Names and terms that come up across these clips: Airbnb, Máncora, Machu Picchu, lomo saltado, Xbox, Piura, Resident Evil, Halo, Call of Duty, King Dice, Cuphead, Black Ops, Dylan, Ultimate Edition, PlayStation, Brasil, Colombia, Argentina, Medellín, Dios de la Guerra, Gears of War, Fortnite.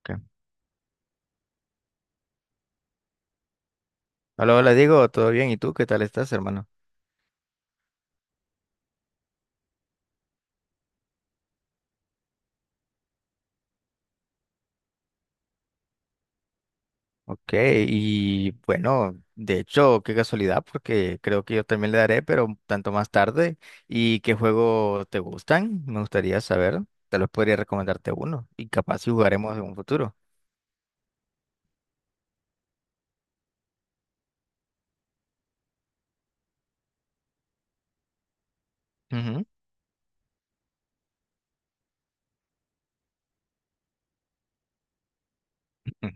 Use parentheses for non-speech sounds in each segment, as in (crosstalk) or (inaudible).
Ok. Hola, hola Diego, ¿todo bien? ¿Y tú qué tal estás, hermano? Ok, y bueno, de hecho, qué casualidad, porque creo que yo también le daré, pero un tanto más tarde. ¿Y qué juego te gustan? Me gustaría saber. Te los podría recomendarte uno y capaz si jugaremos en un futuro. Ujú, ujú,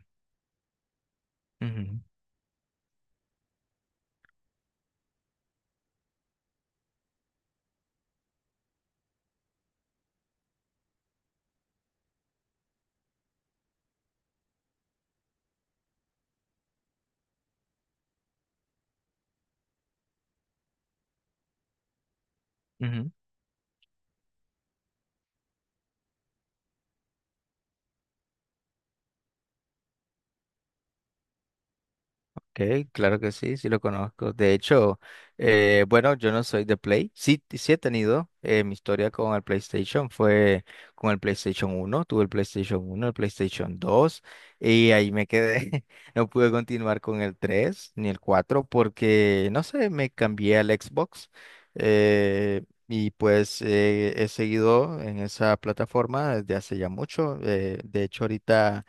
ujú, ujú. Ok, claro que sí, sí lo conozco. De hecho, bueno, yo no soy de Play. Sí, sí he tenido mi historia con el PlayStation. Fue con el PlayStation uno, tuve el PlayStation uno, el PlayStation dos y ahí me quedé. (laughs) No pude continuar con el 3 ni el 4 porque, no sé, me cambié al Xbox eh, y pues he seguido en esa plataforma desde hace ya mucho. De hecho, ahorita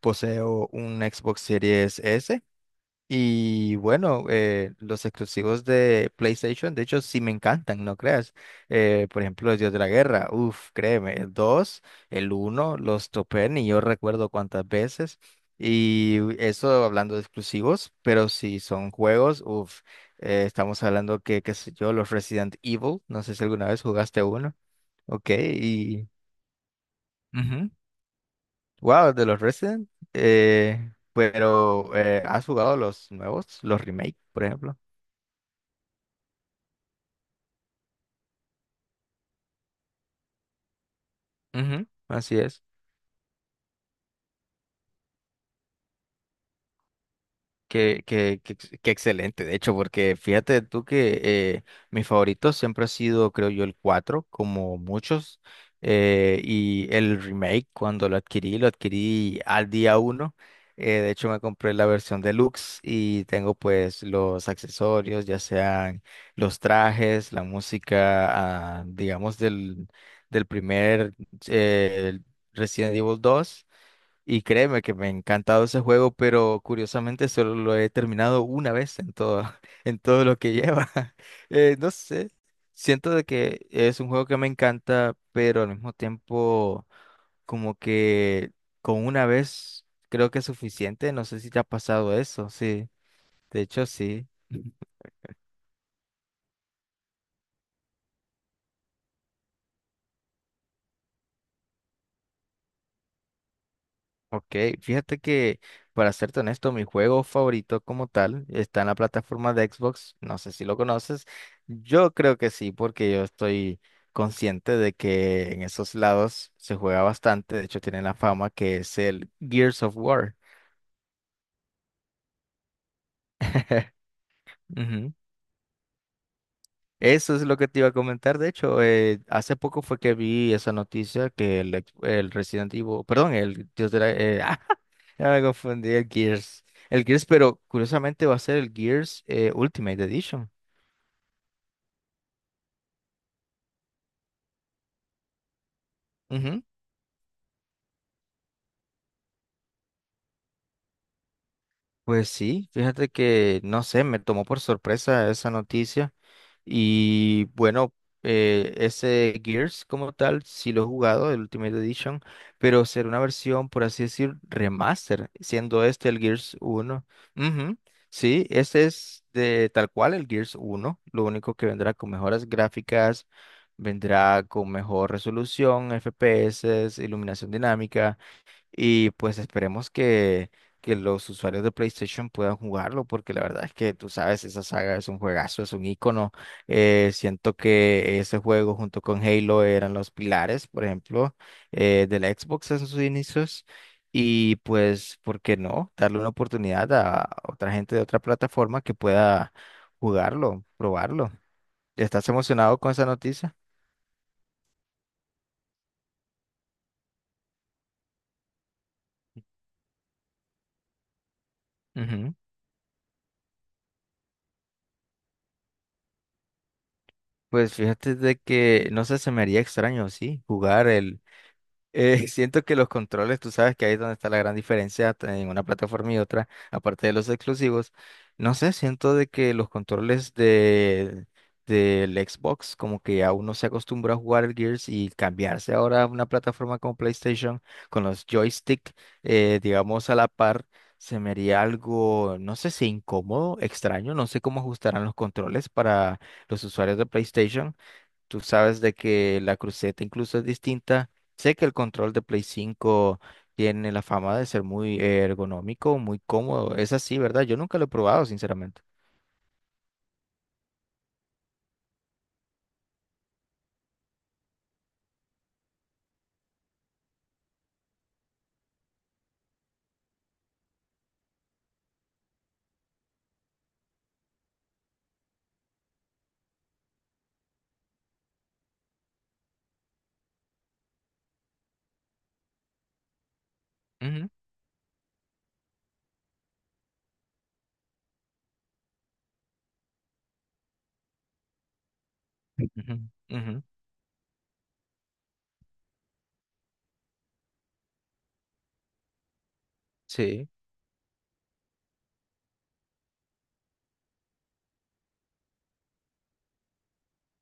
poseo un Xbox Series S y bueno, los exclusivos de PlayStation, de hecho, sí me encantan, no creas. Por ejemplo, el Dios de la Guerra, uff, créeme, el 2, el uno los topé, y yo recuerdo cuántas veces. Y eso hablando de exclusivos, pero si son juegos, uff, estamos hablando que, qué sé yo, los Resident Evil, no sé si alguna vez jugaste uno, ok, y... ujú. Wow, de los Resident, pero ¿has jugado los nuevos, los remake, por ejemplo? Ujú, así es. Qué excelente, de hecho, porque fíjate tú que mi favorito siempre ha sido, creo yo, el 4 como muchos. Y el remake, cuando lo adquirí al día 1. De hecho, me compré la versión deluxe y tengo pues los accesorios, ya sean los trajes, la música, ah, digamos, del primer eh, Resident Evil dos. Y créeme que me ha encantado ese juego, pero curiosamente solo lo he terminado una vez en todo, (laughs) en todo lo que lleva. (laughs) No sé, siento de que es un juego que me encanta, pero al mismo tiempo como que con una vez creo que es suficiente. No sé si te ha pasado eso, sí. De hecho, sí. Ok, fíjate que para serte honesto, mi juego favorito como tal está en la plataforma de Xbox. No sé si lo conoces. Yo creo que sí, porque yo estoy consciente de que en esos lados se juega bastante. De hecho, tiene la fama que es el Gears of War. (laughs) Ujú. Eso es lo que te iba a comentar. De hecho, hace poco fue que vi esa noticia que el, ex- el Resident Evil, perdón, el Dios de la, (laughs) ah, ya me confundí, el Gears. El Gears, pero curiosamente va a ser el Gears Ultimate Edition. Pues sí, fíjate que, no sé, me tomó por sorpresa esa noticia. Y bueno, ese Gears como tal, sí lo he jugado, el Ultimate Edition, pero será una versión, por así decir, remaster, siendo este el Gears uno. Ujú. Sí, este es de tal cual el Gears uno, lo único que vendrá con mejoras gráficas, vendrá con mejor resolución, FPS, iluminación dinámica. Y pues esperemos que, los usuarios de PlayStation puedan jugarlo, porque la verdad es que tú sabes, esa saga es un juegazo, es un ícono. Siento que ese juego junto con Halo eran los pilares, por ejemplo, de la Xbox en sus inicios. Y pues, ¿por qué no? Darle una oportunidad a otra gente de otra plataforma que pueda jugarlo, probarlo. ¿Estás emocionado con esa noticia? Ujú. Pues fíjate de que, no sé, se me haría extraño, sí, jugar el (laughs) siento que los controles, tú sabes que ahí es donde está la gran diferencia en una plataforma y otra, aparte de los exclusivos. No sé, siento de que los controles del Xbox, como que a uno se acostumbra a jugar el Gears y cambiarse ahora a una plataforma como PlayStation con los joystick, digamos, a la par, se me haría algo, no sé si incómodo, extraño, no sé cómo ajustarán los controles para los usuarios de PlayStation. Tú sabes de que la cruceta incluso es distinta. Sé que el control de Play 5 tiene la fama de ser muy ergonómico, muy cómodo. Es así, ¿verdad? Yo nunca lo he probado, sinceramente. Ujú, ujú, ujú. Sí.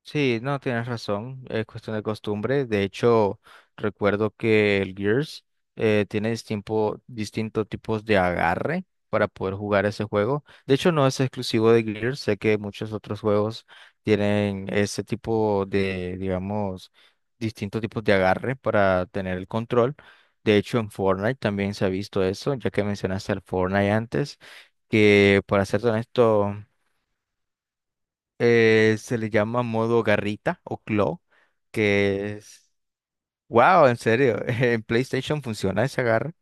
Sí, no, tienes razón, es cuestión de costumbre. De hecho, recuerdo que el Gears tiene distintos tipos de agarre para poder jugar ese juego. De hecho, no es exclusivo de Gears, sé que muchos otros juegos tienen ese tipo de, digamos, distintos tipos de agarre para tener el control. De hecho, en Fortnite también se ha visto eso, ya que mencionaste al Fortnite antes, que para ser honesto... Se le llama modo garrita o claw, que es... ¡Wow! En serio, (laughs) en PlayStation funciona ese agarre.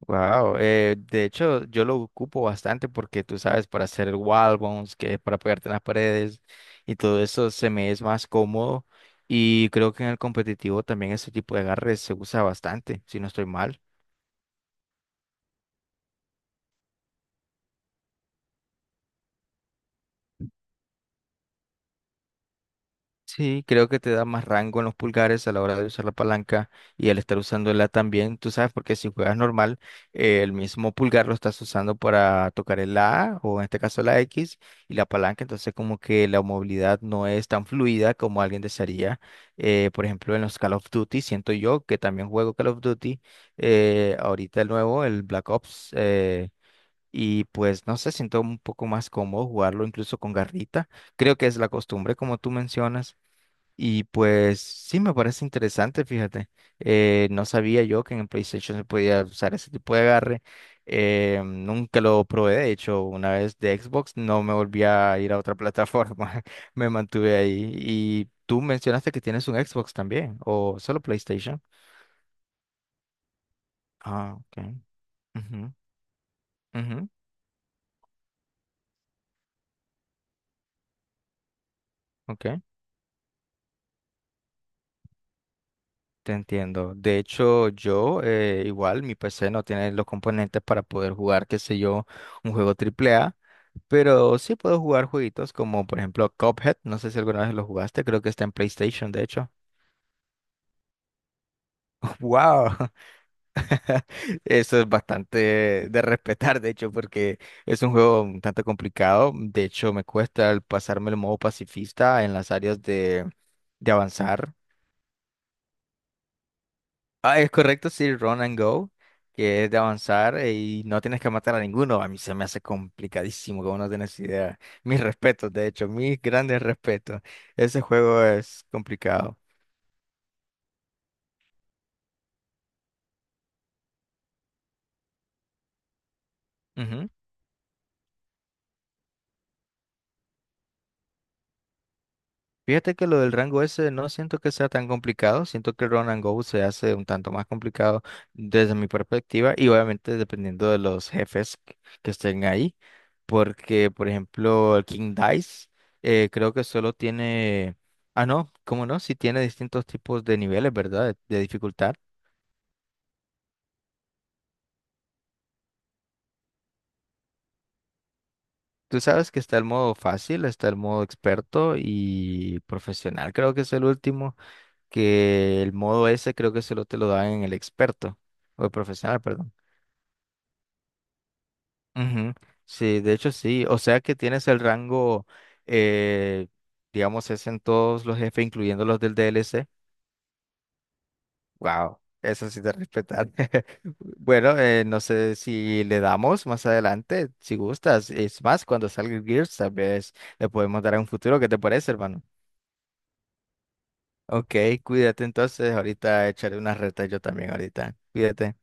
¡Wow! De hecho, yo lo ocupo bastante porque tú sabes, para hacer el wall bounce, que es para pegarte en las paredes y todo eso, se me es más cómodo. Y creo que en el competitivo también ese tipo de agarres se usa bastante, si no estoy mal. Sí, creo que te da más rango en los pulgares a la hora de usar la palanca y al estar usándola también, tú sabes, porque si juegas normal, el mismo pulgar lo estás usando para tocar el A o en este caso la X y la palanca, entonces como que la movilidad no es tan fluida como alguien desearía. Por ejemplo, en los Call of Duty, siento yo que también juego Call of Duty, ahorita el nuevo, el Black Ops, y pues no sé, siento un poco más cómodo jugarlo incluso con garrita. Creo que es la costumbre, como tú mencionas. Y pues sí, me parece interesante, fíjate. No sabía yo que en el PlayStation se podía usar ese tipo de agarre. Nunca lo probé, de hecho, una vez de Xbox no me volví a ir a otra plataforma. (laughs) Me mantuve ahí. Y tú mencionaste que tienes un Xbox también, o solo PlayStation. Ah, ok. Ujú, ujú, ok, te entiendo. De hecho, yo igual, mi PC no tiene los componentes para poder jugar, qué sé yo, un juego triple A. Pero sí puedo jugar jueguitos como por ejemplo Cuphead, no sé si alguna vez lo jugaste, creo que está en PlayStation de hecho. ¡Wow! (laughs) Eso es bastante de respetar de hecho porque es un juego un tanto complicado, de hecho me cuesta el pasarme el modo pacifista en las áreas de avanzar. Ah, es correcto, sí, Run and Go, que es de avanzar y no tienes que matar a ninguno, a mí se me hace complicadísimo, como no tienes idea. Mis respetos, de hecho, mis grandes respetos. Ese juego es complicado. Ujú. Fíjate que lo del rango ese no siento que sea tan complicado, siento que el run and go se hace un tanto más complicado desde mi perspectiva y obviamente dependiendo de los jefes que estén ahí, porque por ejemplo el King Dice creo que solo tiene, ah no, cómo no, si tiene distintos tipos de niveles, ¿verdad? De dificultad. Tú sabes que está el modo fácil, está el modo experto y profesional, creo que es el último. Que el modo ese creo que solo te lo dan en el experto, o el profesional, perdón. Ujú. Sí, de hecho sí, o sea que tienes el rango, eh, digamos, es en todos los jefes, incluyendo los del DLC. Wow, eso sí te respetar (laughs) Bueno, no sé si le damos más adelante, si gustas. Es más, cuando salga el Gears, tal vez le podemos dar a un futuro. ¿Qué te parece, hermano? Ok, cuídate entonces, ahorita echaré unas retas yo también ahorita. Cuídate.